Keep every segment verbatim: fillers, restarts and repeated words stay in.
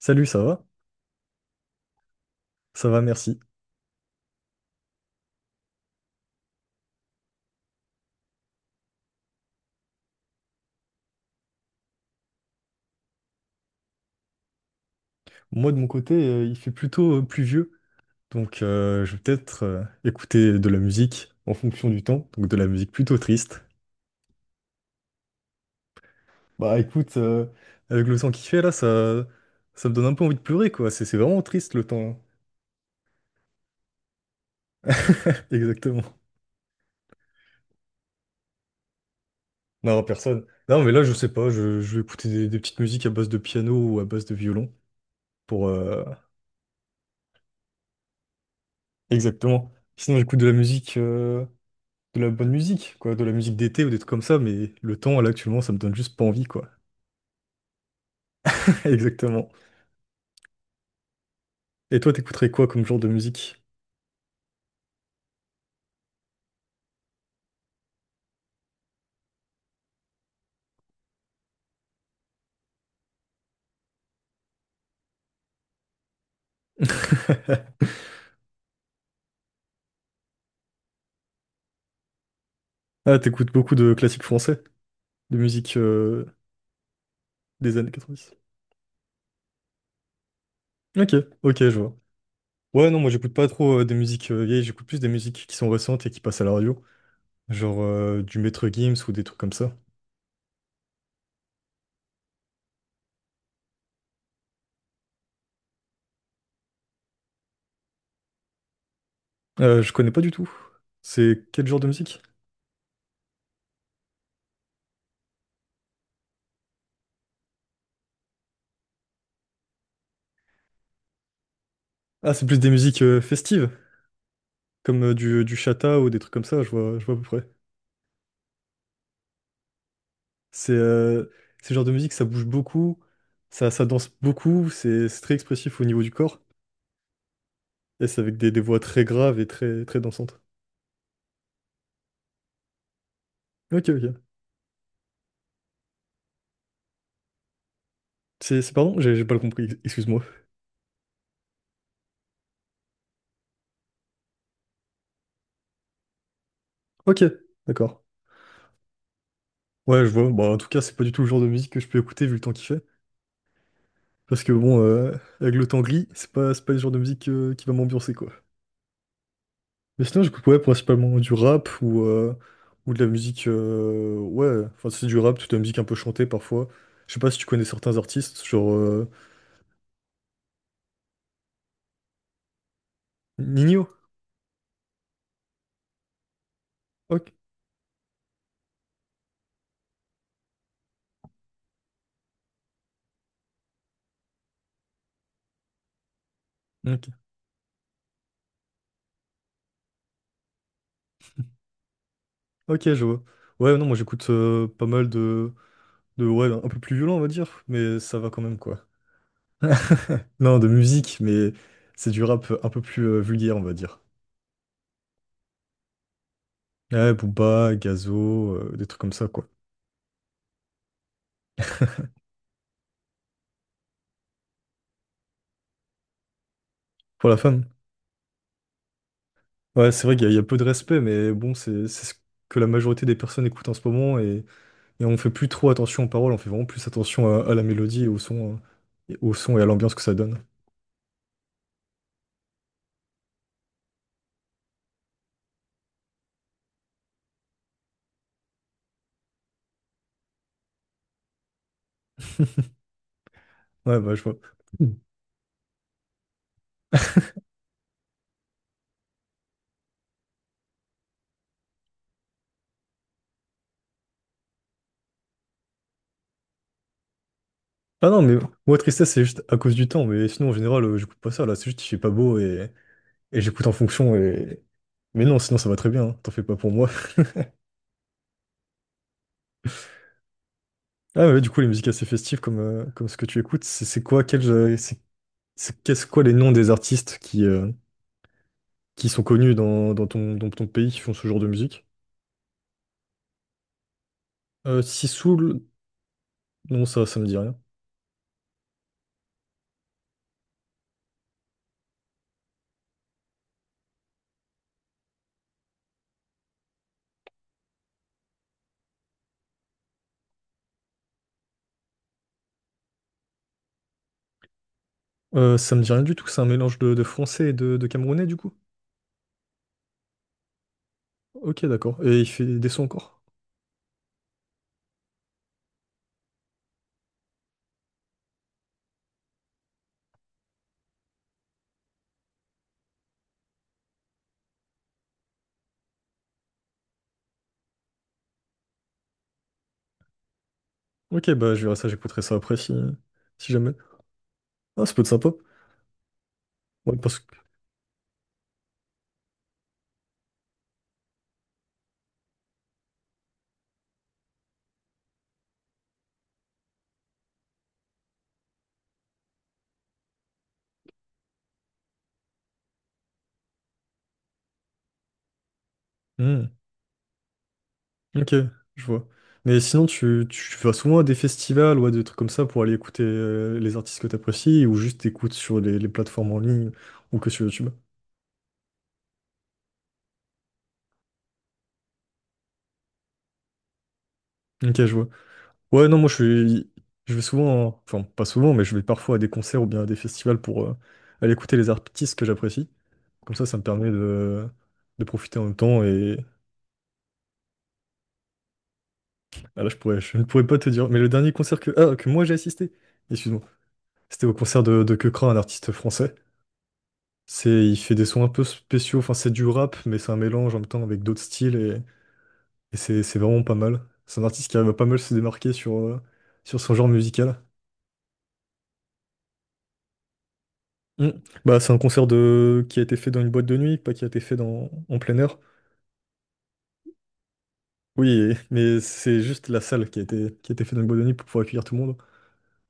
Salut, ça va? Ça va, merci. Moi, de mon côté, euh, il fait plutôt euh, pluvieux, donc euh, je vais peut-être euh, écouter de la musique en fonction du temps, donc de la musique plutôt triste. Bah écoute, euh, avec le temps qu'il fait là, ça, ça me donne un peu envie de pleurer, quoi. C'est c'est vraiment triste le temps. Exactement. Non, personne. Non, mais là, je sais pas, je, je vais écouter des, des petites musiques à base de piano ou à base de violon pour... euh, Exactement. Sinon, j'écoute de la musique... euh, de la bonne musique, quoi, de la musique d'été ou des trucs comme ça, mais le temps, là, actuellement, ça me donne juste pas envie, quoi. Exactement. Et toi, t'écouterais quoi comme genre de musique? Ah, t'écoutes beaucoup de classiques français, de musique euh, des années quatre-vingt-dix. Ok, ok, je vois. Ouais, non, moi j'écoute pas trop euh, des musiques euh, vieilles, j'écoute plus des musiques qui sont récentes et qui passent à la radio, genre euh, du Maître Gims ou des trucs comme ça. Euh, je connais pas du tout. C'est quel genre de musique? Ah, c'est plus des musiques euh, festives, comme euh, du, du chata ou des trucs comme ça, je vois, je vois à peu près. C'est euh, ce genre de musique, ça bouge beaucoup, ça, ça danse beaucoup, c'est c'est très expressif au niveau du corps. Et c'est avec des, des voix très graves et très, très dansantes. Ok, ok. C'est, c'est- pardon, j'ai j'ai pas le compris, ex- excuse-moi. Ok, d'accord. Ouais, je vois. Bon, en tout cas, c'est pas du tout le genre de musique que je peux écouter vu le temps qu'il fait. Parce que bon, euh, avec le temps gris, c'est pas, c'est pas le genre de musique euh, qui va m'ambiancer, quoi. Mais sinon, j'écoute ouais, principalement du rap ou, euh, ou de la musique. euh, ouais, enfin, c'est du rap, toute la musique un peu chantée parfois. Je sais pas si tu connais certains artistes, genre euh, Ninho. Ok. Ok, Ok, je vois. Ouais, non, moi j'écoute euh, pas mal de. de ouais, un peu plus violent, on va dire, mais ça va quand même, quoi. Non, de musique, mais c'est du rap un peu plus euh, vulgaire, on va dire. Ouais, Booba, Gazo, euh, des trucs comme ça, quoi. Pour la femme. Ouais, c'est vrai qu'il y, a il y a peu de respect, mais bon, c'est c'est ce que la majorité des personnes écoutent en ce moment, et, et on fait plus trop attention aux paroles, on fait vraiment plus attention à, à la mélodie et au son, hein, et au son et à l'ambiance que ça donne. Ouais, bah, je vois. Mm. Ah non, mais moi, tristesse, c'est juste à cause du temps, mais sinon, en général, euh, j'écoute pas ça, là, c'est juste qu'il fait pas beau, et, Et j'écoute en fonction et... Mais non, sinon ça va très bien, hein, t'en fais pas pour moi. Ah ouais, du coup, les musiques assez festives comme, euh, comme ce que tu écoutes, c'est c'est quoi, quel, euh, c'est, c'est- qu'est-ce quoi les noms des artistes qui, euh, qui sont connus dans, dans ton, dans ton pays qui font ce genre de musique? Euh, Sissoul, non, ça, ça me dit rien. Euh, ça me dit rien du tout, c'est un mélange de, de français et de, de camerounais du coup. Ok, d'accord. Et il fait des sons encore? Ok, bah je verrai ça, j'écouterai ça après si, si jamais. Ah, ça peut être sympa. Ouais, parce que... Ok, je vois. Mais sinon, tu, tu vas souvent à des festivals ou à des trucs comme ça pour aller écouter euh, les artistes que t'apprécies ou juste t'écoutes sur les, les plateformes en ligne ou que sur YouTube. Ok, je vois. Ouais, non, moi je suis, je vais souvent, enfin pas souvent, mais je vais parfois à des concerts ou bien à des festivals pour euh, aller écouter les artistes que j'apprécie. Comme ça, ça me permet de, de profiter en même temps et ah là, je pourrais, je ne pourrais pas te dire. Mais le dernier concert que, ah, que moi j'ai assisté, excuse-moi, c'était au concert de, de Keukra, un artiste français. C'est, il fait des sons un peu spéciaux, enfin c'est du rap, mais c'est un mélange en même temps avec d'autres styles et, et c'est c'est vraiment pas mal. C'est un artiste qui arrive à pas mal se démarquer sur, euh, sur son genre musical. Mm. Bah, c'est un concert de... qui a été fait dans une boîte de nuit, pas qui a été fait dans... en plein air. Oui, et- mais c'est juste la salle qui a été, qui a été fait dans une boîte de nuit pour pouvoir accueillir tout le monde.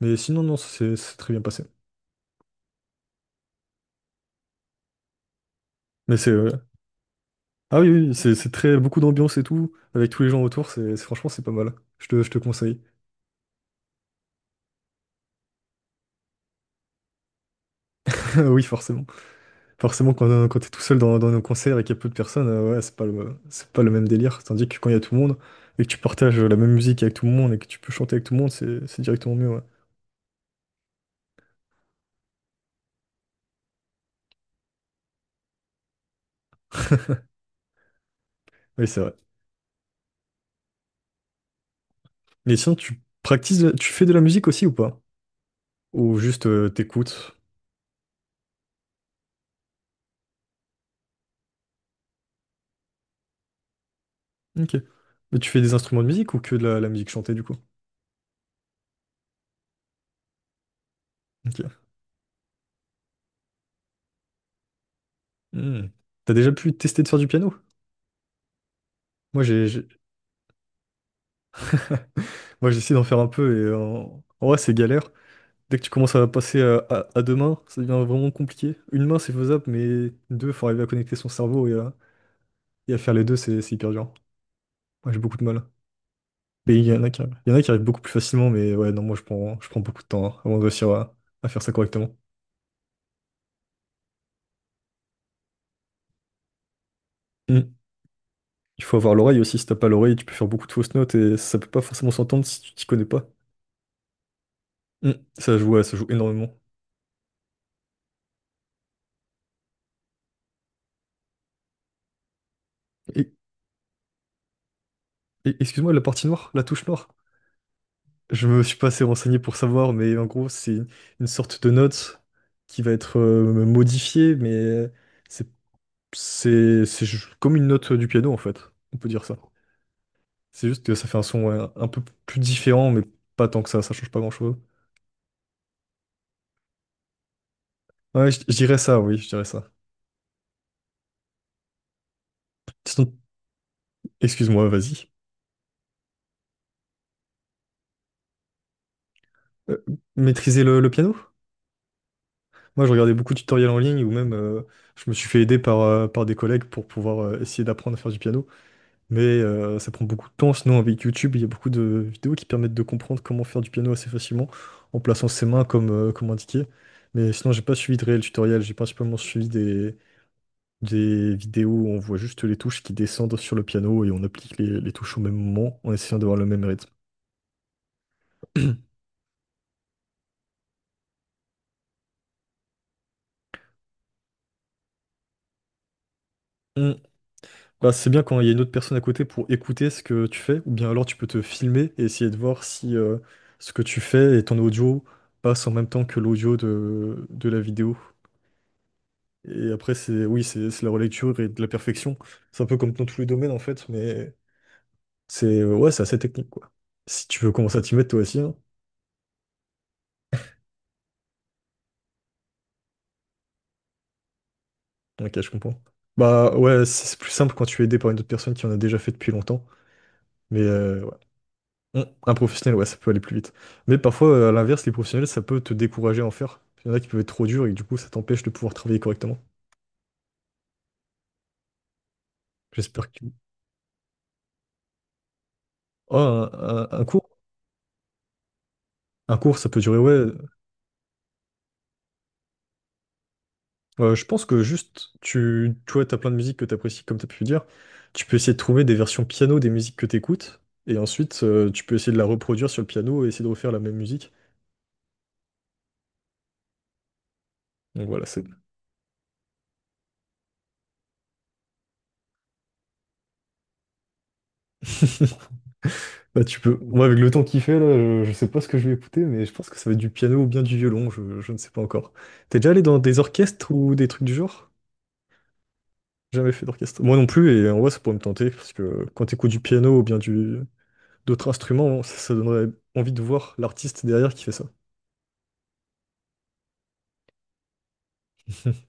Mais sinon, non, c'est c'est très bien passé. Mais c'est... euh, Ah oui, oui, c'est c'est très... beaucoup d'ambiance et tout, avec tous les gens autour, c'est c'est- franchement c'est pas mal. Je te, je te conseille. Oui, forcément. Forcément, quand, quand t'es tout seul dans, dans nos concerts et qu'il y a peu de personnes, euh, ouais, c'est pas le, c'est pas le même délire. Tandis que quand il y a tout le monde et que tu partages la même musique avec tout le monde et que tu peux chanter avec tout le monde, c'est c'est directement mieux, ouais. Oui, c'est vrai. Mais sinon, tu pratiques, tu fais de la musique aussi ou pas? Ou juste euh, t'écoutes? Ok. Mais tu fais des instruments de musique ou que de la, la musique chantée du coup? Ok. Hmm. T'as déjà pu tester de faire du piano? Moi, j'ai, j'ai- moi, j'essaie d'en faire un peu et euh, en en vrai, c'est galère. Dès que tu commences à passer à, à- à deux mains, ça devient vraiment compliqué. Une main, c'est faisable, mais deux, faut arriver à connecter son cerveau et à, et à faire les deux, c'est c'est hyper dur. Moi, j'ai beaucoup de mal. Mais il y en a qui, il y en a qui arrivent beaucoup plus facilement, mais ouais, non, moi, je prends, je prends beaucoup de temps hein, avant de réussir à, à faire ça correctement. Mm. Il faut avoir l'oreille aussi. Si t'as pas l'oreille, tu peux faire beaucoup de fausses notes et ça peut pas forcément s'entendre si tu t'y connais pas. Mm. Ça joue, ouais, ça joue énormément. Et, et- Excuse-moi, la partie noire, la touche noire. Je me suis pas assez renseigné pour savoir, mais en gros, c'est une sorte de note qui va être euh, modifiée, mais c'est c'est- c'est ju- comme une note du piano, en fait. On peut dire ça. C'est juste que ça fait un son ouais, un peu plus différent, mais pas tant que ça, ça change pas grand-chose. Ouais, je je dirais ça, oui, je dirais ça. Sinon, excuse-moi, vas-y. Euh, Maîtriser le, le piano? Moi, je regardais beaucoup de tutoriels en ligne, ou même euh, je me suis fait aider par, euh, par des collègues pour pouvoir euh, essayer d'apprendre à faire du piano. Mais euh, ça prend beaucoup de temps. Sinon, avec YouTube, il y a beaucoup de vidéos qui permettent de comprendre comment faire du piano assez facilement en plaçant ses mains comme, euh, comme indiqué. Mais sinon, j'ai pas suivi de réel tutoriel. J'ai principalement suivi des, des vidéos où on voit juste les touches qui descendent sur le piano et on applique les, les touches au même moment en essayant d'avoir le même rythme. Hmm. Bah, c'est bien quand il y a une autre personne à côté pour écouter ce que tu fais, ou bien alors tu peux te filmer et essayer de voir si euh, ce que tu fais et ton audio passent en même temps que l'audio de, de la vidéo. Et après, c'est oui, c'est c'est la relecture et de la perfection. C'est un peu comme dans tous les domaines, en fait, mais c'est ouais, c'est assez technique, quoi. Si tu veux commencer à t'y mettre, toi aussi, hein. Ok, je comprends. Bah ouais, c'est c'est plus simple quand tu es aidé par une autre personne qui en a déjà fait depuis longtemps. Mais euh, ouais. Hum, Un professionnel, ouais, ça peut aller plus vite. Mais parfois, euh, à l'inverse, les professionnels, ça peut te décourager à en faire. Il y en a qui peuvent être trop durs et du coup, ça t'empêche de pouvoir travailler correctement. J'espère que... Oh, un, un- un cours? Un cours, ça peut durer, ouais. Euh, je pense que juste, tu, tu vois, t'as plein de musiques que t'apprécies, comme t'as pu le dire. Tu peux essayer de trouver des versions piano des musiques que t'écoutes, et ensuite, euh, tu peux essayer de la reproduire sur le piano et essayer de refaire la même musique. Donc voilà, c'est... Bah, tu peux... Moi, avec le temps qu'il fait, là, je, je sais pas ce que je vais écouter, mais je pense que ça va être du piano ou bien du violon, je, je ne sais pas encore. T'es déjà allé dans des orchestres ou des trucs du genre? Jamais fait d'orchestre. Moi non plus, et en vrai, ça pourrait me tenter, parce que quand t'écoutes du piano ou bien du... d'autres instruments, ça, ça donnerait envie de voir l'artiste derrière qui fait ça.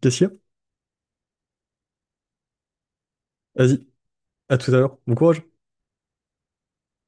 Qu'est-ce qu'il y a? Vas-y. À tout à l'heure. Bon courage.